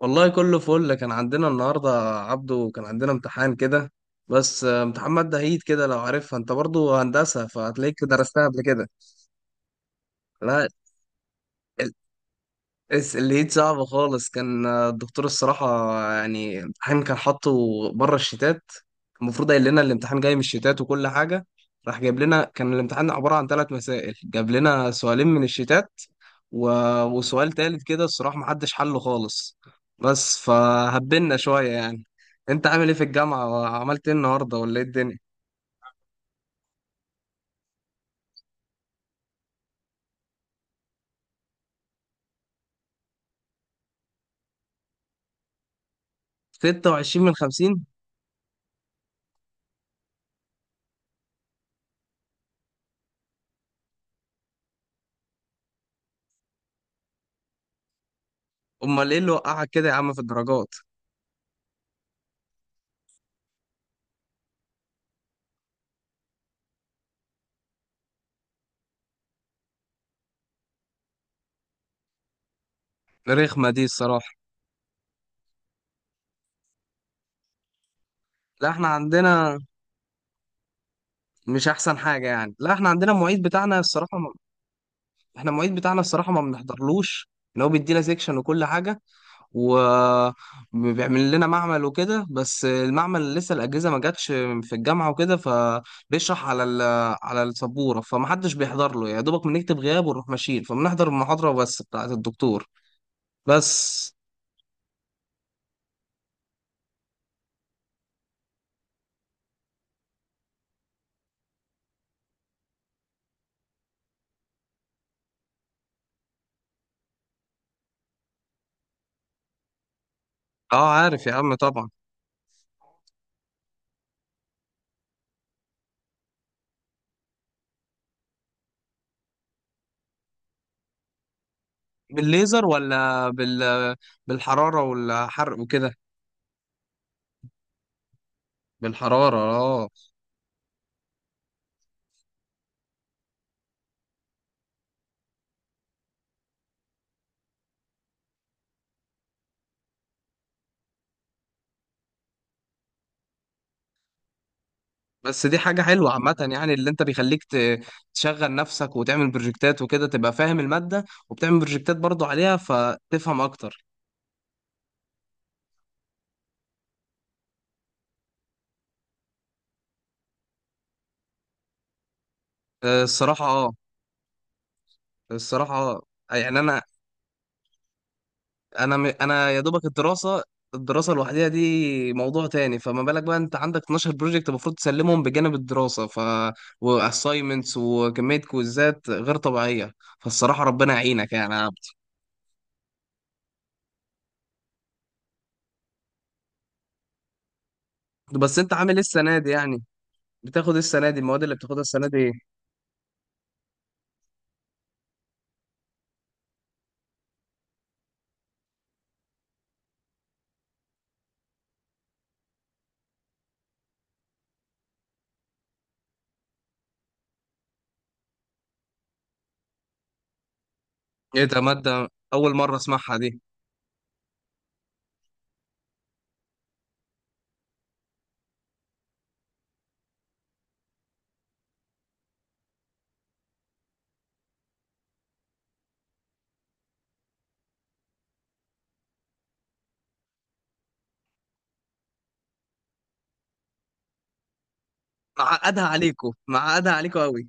والله كله فل كان عندنا النهارده. عبده كان عندنا امتحان كده. بس امتحان مادة عيد كده، لو عارفها انت برضو هندسة فهتلاقيك درستها قبل كده. لا، الليد صعب خالص كان، الدكتور الصراحة يعني الامتحان كان حاطه بره الشتات. المفروض قايل لنا الامتحان جاي من الشتات وكل حاجة، راح جايب لنا كان الامتحان عبارة عن ثلاث مسائل، جاب لنا سؤالين من الشتات و... وسؤال تالت كده الصراحة محدش حله خالص، بس فهبنا شوية يعني. انت عامل ايه في الجامعة وعملت ايه النهاردة ولا ايه الدنيا؟ 26 من 50؟ امال ايه اللي وقعك كده يا عم في الدرجات؟ رخمة دي الصراحة. لا احنا عندنا مش احسن حاجه يعني. لا احنا عندنا المعيد بتاعنا الصراحه ما... احنا المعيد بتاعنا الصراحه ما بنحضرلوش، ان هو بيدينا سيكشن وكل حاجه وبيعمل لنا معمل وكده، بس المعمل لسه الاجهزه ما جاتش في الجامعه وكده، فبيشرح على على السبوره، فمحدش بيحضر له، يا دوبك بنكتب غياب ونروح ماشيين، فبنحضر المحاضره بس بتاعت الدكتور بس. اه عارف يا عم طبعا. بالليزر ولا بالحراره والحرق وكده؟ بالحراره اه. بس دي حاجة حلوة عامة يعني، اللي انت بيخليك تشغل نفسك وتعمل بروجكتات وكده، تبقى فاهم المادة وبتعمل بروجكتات برضو عليها فتفهم اكتر. الصراحة اه. الصراحة اه يعني انا يا دوبك الدراسة، الدراسة لوحدها دي موضوع تاني، فما بالك بقى انت عندك 12 بروجكت المفروض تسلمهم بجانب الدراسة، ف واساينمنتس وكمية كويزات غير طبيعية. فالصراحة ربنا يعينك يعني يا عبد. بس انت عامل ايه السنة دي يعني؟ بتاخد ايه السنة دي، المواد اللي بتاخدها السنة دي؟ ايه ده، مادة أول مرة أسمعها دي. معقدها عليكوا، معقدها عليكوا قوي.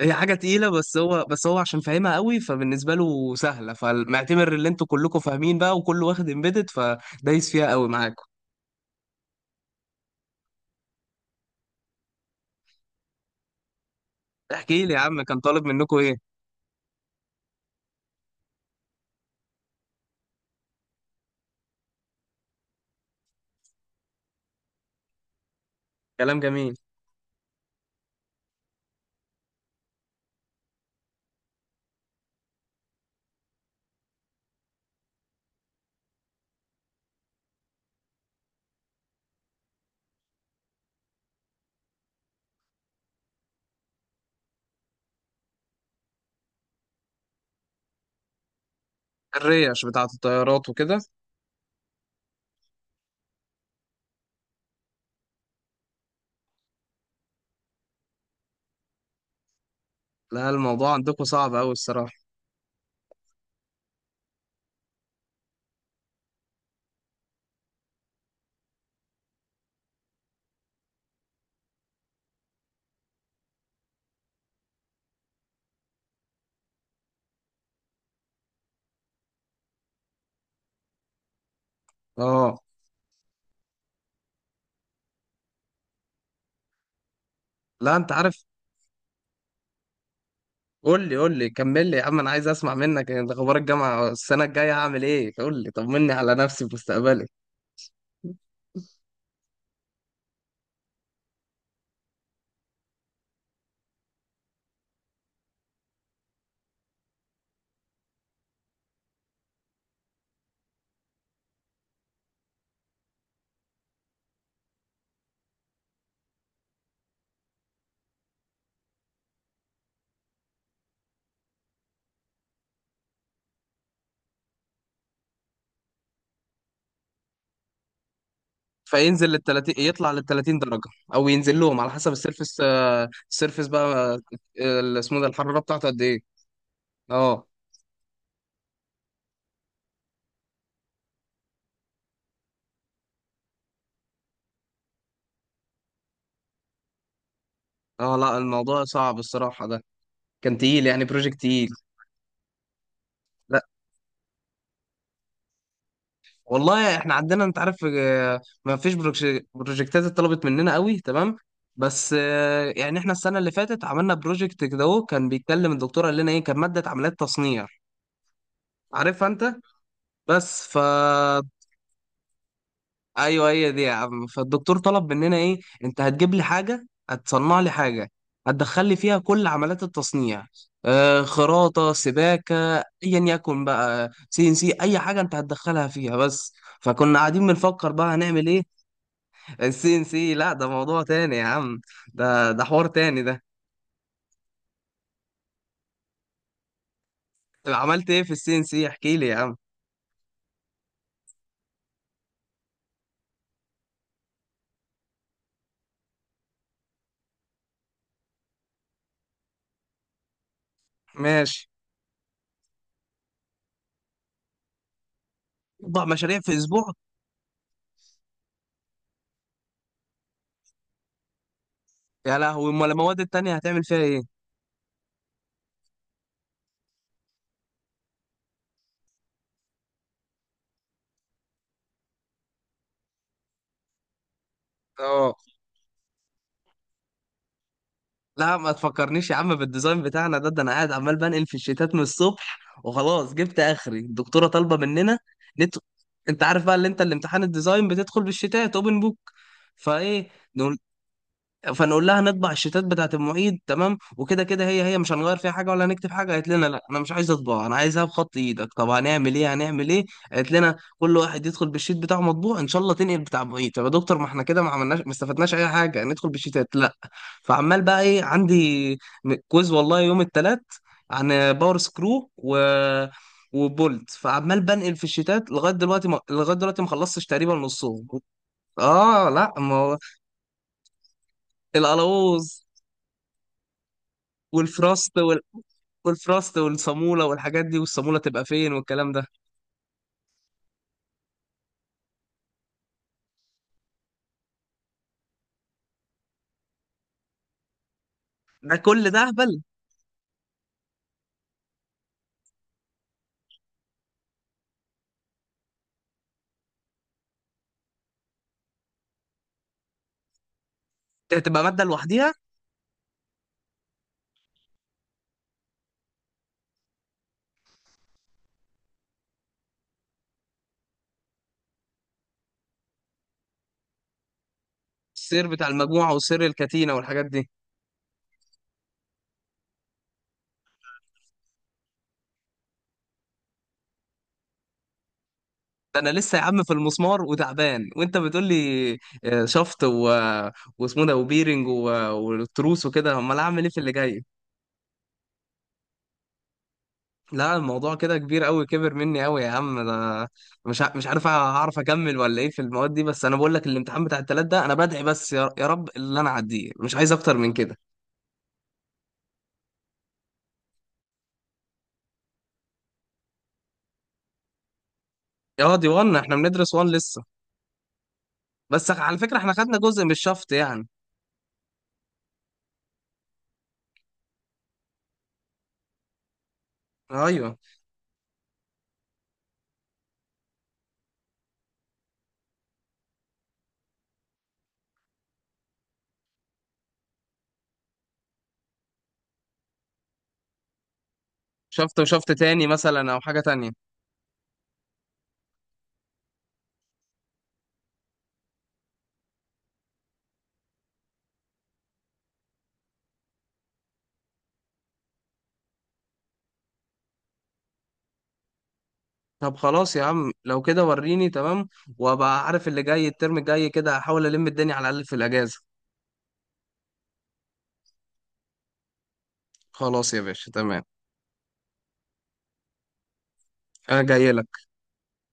هي حاجة تقيلة، بس هو بس هو عشان فاهمها قوي فبالنسبة له سهلة، فمعتبر اللي انتوا كلكوا فاهمين بقى وكله واخد امبيدد، فدايس فيها قوي معاكوا. احكي لي يا عم، كان طالب منكوا ايه؟ كلام جميل. الريش بتاعة الطيارات وكده. لا الموضوع عندكوا صعب قوي الصراحة. اه، لا انت عارف. قول لي، قول لي، كمل لي يا عم، انا عايز اسمع منك انت اخبار الجامعة. السنة الجاية هعمل ايه؟ قول لي طمني على نفسي في مستقبلي. فينزل لل 30، يطلع لل 30 درجه، او ينزل لهم على حسب السيرفس، السيرفس بقى. اسمه ده، الحراره بتاعته قد ايه؟ اه. اه لا الموضوع صعب الصراحه ده، كان تقيل يعني، بروجكت تقيل. لا والله احنا عندنا انت عارف، ما فيش بروجكتات اتطلبت مننا قوي، تمام. بس يعني احنا السنه اللي فاتت عملنا بروجكت كده اهو، كان بيتكلم الدكتور قال لنا ايه، كان ماده عمليات تصنيع، عارفها انت. بس ف ايوه هي دي يا عم. فالدكتور طلب مننا ايه، انت هتجيب لي حاجه، هتصنع لي حاجه هتدخل لي فيها كل عمليات التصنيع، آه خراطه سباكه ايا يكن بقى، سي ان سي، اي حاجه انت هتدخلها فيها بس. فكنا قاعدين بنفكر بقى هنعمل ايه. السي ان سي لا، ده موضوع تاني يا عم، ده ده حوار تاني ده. طب عملت ايه في السي ان سي، احكي لي يا عم. ماشي. اربع مشاريع في اسبوع؟ يا لهوي، امال المواد التانيه هتعمل فيها ايه؟ اه لا ما تفكرنيش يا عم بالديزاين بتاعنا ده، ده انا قاعد عمال بنقل في الشتات من الصبح وخلاص جبت اخري، الدكتوره طالبه مننا. نت... انت عارف بقى اللي انت الامتحان الديزاين بتدخل بالشتات اوبن بوك، فايه نقول، فنقول لها نطبع الشيتات بتاعت المعيد تمام وكده كده، هي مش هنغير فيها حاجه ولا هنكتب حاجه. قالت لنا لا انا مش عايز اطبع، انا عايزها بخط ايدك. طب هنعمل ايه، هنعمل ايه؟ قالت لنا كل واحد يدخل بالشيت بتاعه مطبوع ان شاء الله تنقل بتاع المعيد. طب يا دكتور ما احنا كده ما عملناش ما استفدناش اي حاجه ندخل بالشيتات، لا. فعمال بقى ايه عندي كويز والله يوم الثلاث، عن باور سكرو و وبولت، فعمال بنقل في الشيتات لغايه دلوقتي ما... لغايه دلوقتي ما خلصتش تقريبا نصهم. اه لا ما هو القلاوظ والفراست والفراست والصامولة والحاجات دي، والصامولة تبقى فين والكلام ده. ده كل ده هبل. دي هتبقى مادة لوحديها. السير بتاع المجموعة وسير الكتينة والحاجات دي. ده انا لسه يا عم في المسمار وتعبان، وانت بتقول لي آه، شفط و... واسمه ده وبيرنج والتروس وكده، امال اعمل ايه في اللي جاي. لا الموضوع كده كبير قوي، كبر مني قوي يا عم ده، مش عارف هعرف اكمل ولا ايه في المواد دي. بس انا بقول لك الامتحان بتاع التلات ده انا بدعي بس يا رب اللي انا اعديه، مش عايز اكتر من كده. اه دي 1، احنا بندرس 1 لسه. بس على فكرة احنا خدنا جزء من الشفط يعني. ايوه شفط وشفط تاني مثلا او حاجة تانية. طب خلاص يا عم لو كده، وريني تمام، وابقى عارف اللي جاي الترم الجاي كده، هحاول الم الدنيا على الاقل في الاجازة. خلاص يا باشا تمام. انا جاي لك.